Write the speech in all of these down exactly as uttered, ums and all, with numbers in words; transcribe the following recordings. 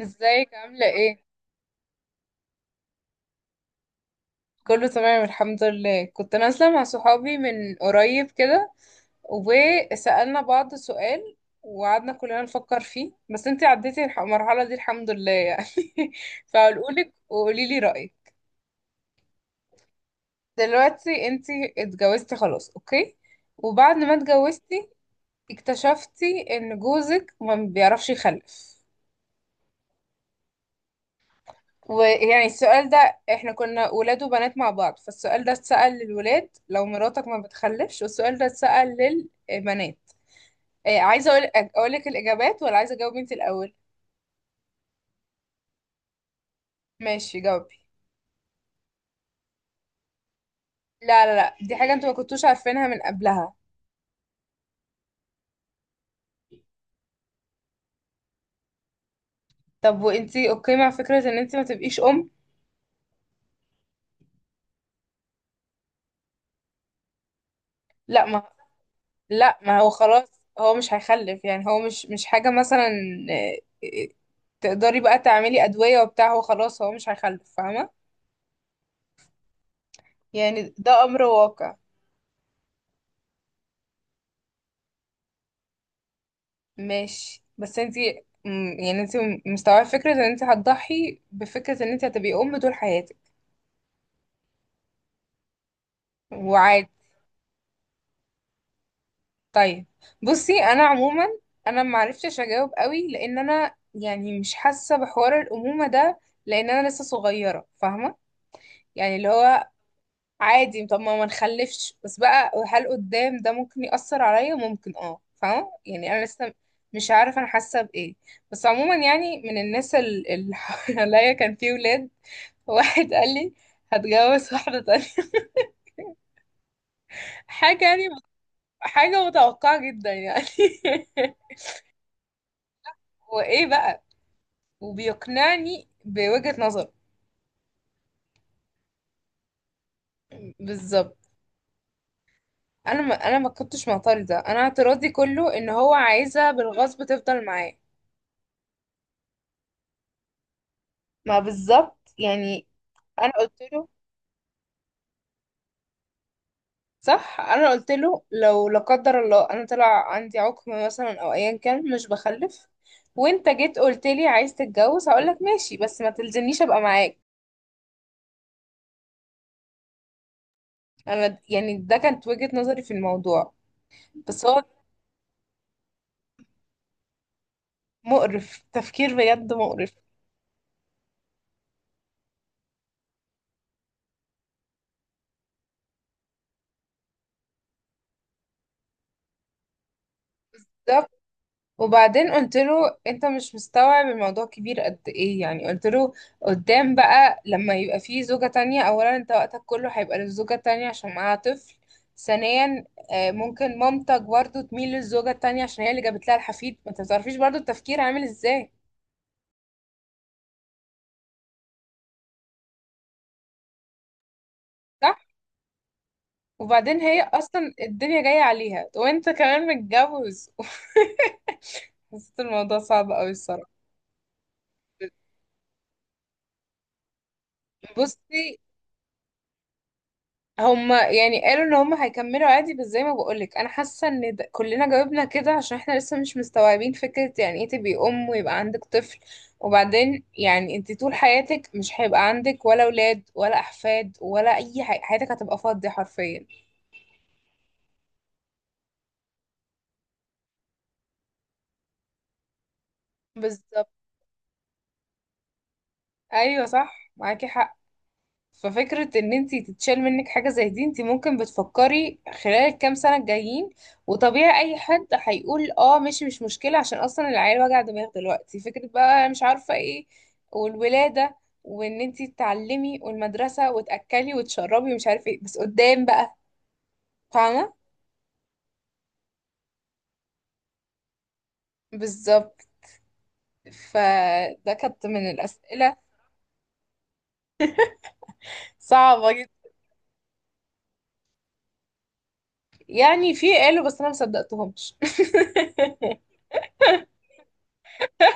ازيك عاملة ايه؟ كله تمام الحمد لله. كنت نازلة مع صحابي من قريب كده، وسألنا بعض سؤال، وقعدنا كلنا نفكر فيه. بس انتي عديتي الح- المرحلة دي الحمد لله يعني. فهقولك وقولي لي رأيك. دلوقتي انتي اتجوزتي خلاص، اوكي، وبعد ما اتجوزتي اكتشفتي ان جوزك ما بيعرفش يخلف. ويعني السؤال ده، احنا كنا ولاد وبنات مع بعض، فالسؤال ده اتسأل للولاد: لو مراتك ما بتخلفش؟ والسؤال ده اتسأل للبنات. إيه، عايزة اقول اقولك الإجابات، ولا عايزة اجاوب انت الأول؟ ماشي جاوبي. لا لا لا، دي حاجة انتوا ما كنتوش عارفينها من قبلها. طب وانتي اوكي مع فكرة ان انتي ما تبقيش أم؟ لا ما لا ما هو خلاص، هو مش هيخلف، يعني هو مش مش حاجة مثلا، إيه، إيه، تقدري بقى تعملي أدوية وبتاع. هو خلاص، هو مش هيخلف فاهمة؟ يعني ده أمر واقع. ماشي، بس انتي مم، يعني انتي مستوعبة فكرة ان انتي هتضحي بفكرة ان انتي هتبقي ام طول حياتك، وعادي؟ طيب، بصي، انا عموما انا معرفتش اجاوب قوي، لان انا يعني مش حاسة بحوار الامومة ده، لان انا لسه صغيرة فاهمة؟ يعني اللي هو عادي، طب ما ما نخلفش بس بقى، هل قدام ده ممكن يأثر عليا؟ ممكن، اه، فاهمة يعني؟ انا لسه مش عارفة انا حاسة بايه. بس عموما يعني من الناس ال- اللي حواليا كان في ولاد. واحد قال لي هتجوز واحدة تانية، حاجة يعني، حاجة متوقعة جدا يعني. وإيه بقى؟ وبيقنعني بوجهة نظره. بالظبط. أنا ما أنا ما كنتش معترضة، أنا اعتراضي كله إن هو عايزها بالغصب تفضل معاه. ما بالظبط يعني. أنا قلت له، صح أنا قلت له، لو لا قدر الله أنا طلع عندي عقم مثلا أو أيا كان مش بخلف، وانت جيت قلت لي عايز تتجوز، هقولك ماشي بس ما تلزمنيش ابقى معاك. انا يعني ده كانت وجهة نظري في الموضوع. بس هو مقرف تفكير، بجد مقرف. بالظبط. وبعدين قلت له انت مش مستوعب الموضوع كبير قد ايه يعني. قلت له قدام بقى لما يبقى فيه زوجة تانية، اولا انت وقتك كله هيبقى للزوجة التانية عشان معاها طفل. ثانيا آه، ممكن مامتك برضو تميل للزوجة التانية عشان هي اللي جابت لها الحفيد. ما انت بتعرفيش برضو التفكير عامل ازاي. وبعدين هي اصلا الدنيا جايه عليها وانت كمان متجوز. حسيت الموضوع صعب قوي الصراحه. بصي، هما يعني قالوا ان هما هيكملوا عادي، بس زي ما بقولك انا حاسه ان ده كلنا جاوبنا كده عشان احنا لسه مش مستوعبين فكره يعني ايه تبقي ام ويبقى عندك طفل. وبعدين يعني انت طول حياتك مش هيبقى عندك ولا اولاد ولا احفاد ولا اي حاجه، حياتك هتبقى فاضيه حرفيا. بالظبط، ايوه صح، معاكي حق. ففكرة ان انتي تتشال منك حاجة زي دي، انتي ممكن بتفكري خلال الكام سنة الجايين، وطبيعي اي حد هيقول اه ماشي مش مشكلة، عشان اصلا العيال وجع دماغ دلوقتي، فكرة بقى مش عارفة ايه، والولادة، وان انتي تتعلمي، والمدرسة، وتأكلي وتشربي ومش عارفة ايه، بس قدام بقى فاهمة؟ بالظبط. فده كانت من الأسئلة صعبة جدا. يعني في قالوا بس انا ما صدقتهمش.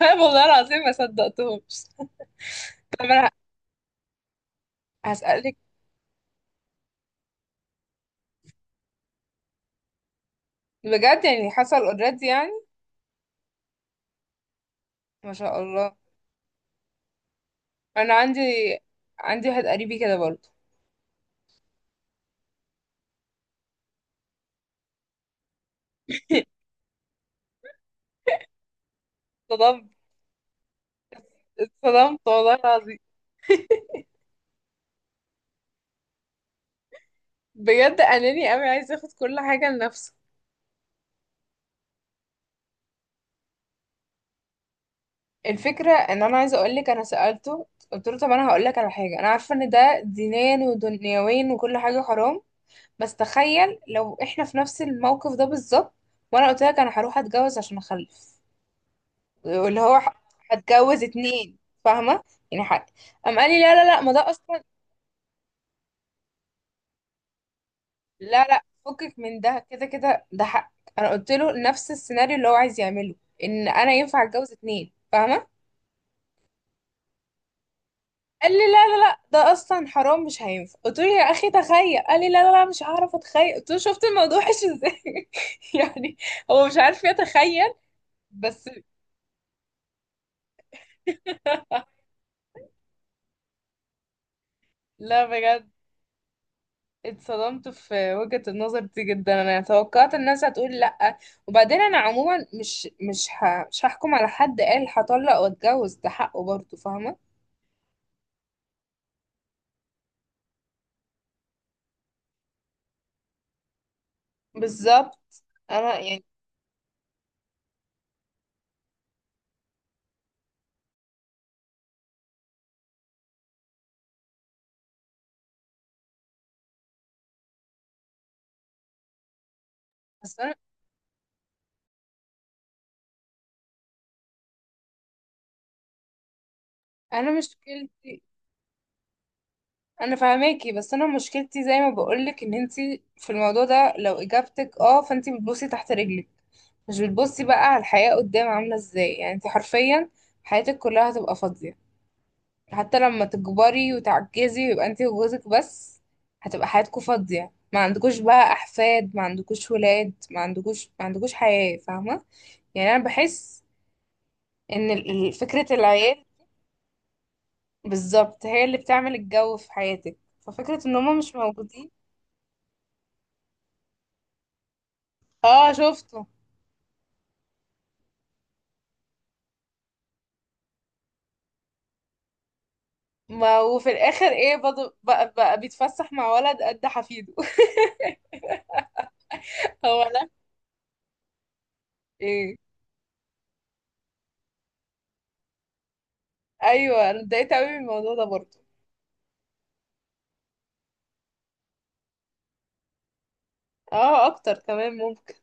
والله العظيم ما صدقتهمش. طب انا هسألك. بجد يعني حصل اوريدي يعني؟ ما شاء الله. انا عندي عندي واحد قريبي كده برضه. اتصدمت، اتصدمت والله العظيم. بجد اناني قوي، عايز ياخد كل حاجه لنفسه. الفكره ان انا عايزه اقول لك انا سالته. قلت له طب انا هقول لك على حاجه، انا عارفه ان ده دينيا ودنيويا وكل حاجه حرام، بس تخيل لو احنا في نفس الموقف ده بالظبط، وانا قلت لك انا هروح اتجوز عشان اخلف واللي هو ه- هتجوز اتنين فاهمه؟ يعني حق. قام قال لي لا لا لا، ما ده اصلا. لا لا، فكك من ده، كده كده ده حق. انا قلت له نفس السيناريو اللي هو عايز يعمله، ان انا ينفع اتجوز اتنين فاهمه؟ قال لي لا لا لا، ده اصلا حرام، مش هينفع. قلت له يا اخي تخيل. قال لي لا لا لا، مش هعرف اتخيل. قلت له شفت الموضوع وحش ازاي؟ يعني هو مش عارف يتخيل بس. لا بجد، اتصدمت في وجهة النظر دي جدا. انا توقعت الناس هتقول لا. وبعدين انا عموما مش مش ه... مش هحكم على حد قال هطلق واتجوز، ده حقه برضه فاهمه؟ بالظبط. انا يعني، بس انا انا مشكلتي، انا فاهماكي بس انا مشكلتي زي ما بقولك، ان انتي في الموضوع ده لو اجابتك اه فانتي بتبصي تحت رجلك، مش بتبصي بقى على الحياة قدام عاملة ازاي. يعني انتي حرفيا حياتك كلها هتبقى فاضية. حتى لما تكبري وتعجزي ويبقى انتي وجوزك بس، هتبقى حياتكوا فاضية. ما عندكوش بقى احفاد، ما عندكوش ولاد، ما عندكوش ما عندكوش حياة فاهمة؟ يعني انا بحس ان ال- ال- فكرة العيال بالظبط هي اللي بتعمل الجو في حياتك، ففكرة ان هما مش موجودين. اه شفته. ما وفي الاخر ايه برضه بقى, بقى بيتفسح مع ولد قد حفيده. هو انا، ايه؟ ايوه، انا اتضايقت قوي من الموضوع ده برضه. اه اكتر كمان ممكن.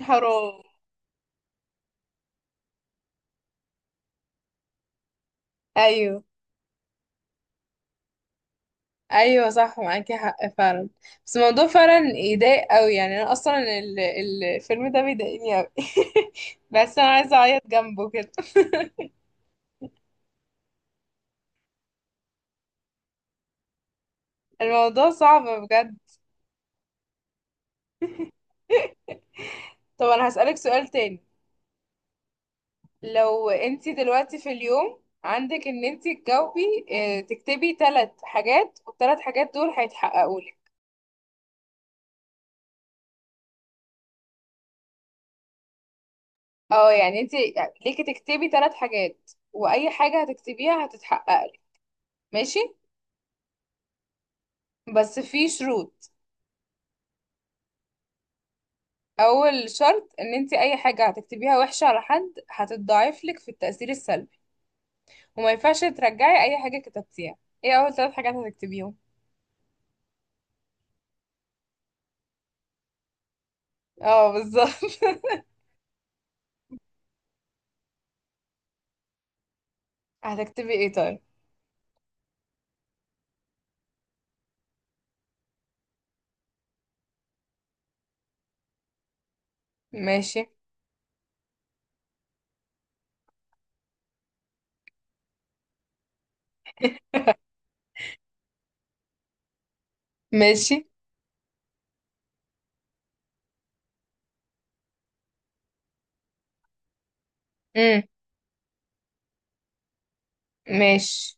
حرام. ايوه، ايوه صح، معاكي حق فعلا. بس الموضوع فعلا يضايق قوي يعني. انا اصلا ال- الفيلم ده بيضايقني قوي. بس انا عايزه اعيط جنبه كده. الموضوع صعب بجد. طب انا هسألك سؤال تاني. لو انت دلوقتي في اليوم عندك ان انت تجاوبي، آه، تكتبي ثلاث حاجات، والثلاث حاجات دول هيتحققوا لك. اه يعني انت ليكي تكتبي ثلاث حاجات، واي حاجة هتكتبيها هتتحقق لك. ماشي، بس في شروط. اول شرط ان انت اي حاجة هتكتبيها وحشة على حد هتتضاعف لك في التأثير السلبي، وما ينفعش ترجعي اي حاجة كتبتيها. ايه اول ثلاث حاجات هتكتبيهم؟ اه بالظبط. هتكتبي ايه طيب؟ ماشي. ماشي. امم ماشي.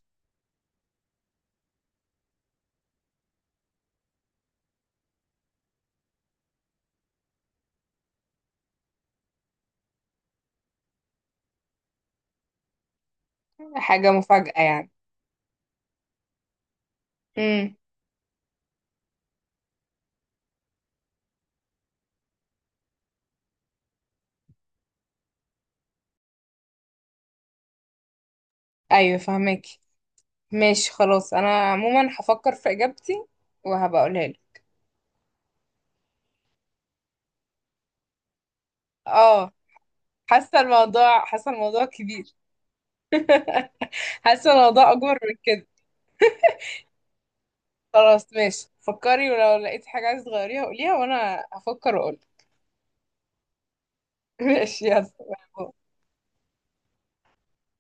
حاجة مفاجأة يعني؟ امم، ايوه فهمك. ماشي خلاص، انا عموما هفكر في اجابتي وهبقى اقولها لك. اه. حاسة الموضوع حاسة الموضوع كبير. حاسة الموضوع اكبر من كده. خلاص ماشي، فكري ولو لقيتي حاجة عايزة تغيريها قوليها، وانا هفكر واقول. ماشي يلا.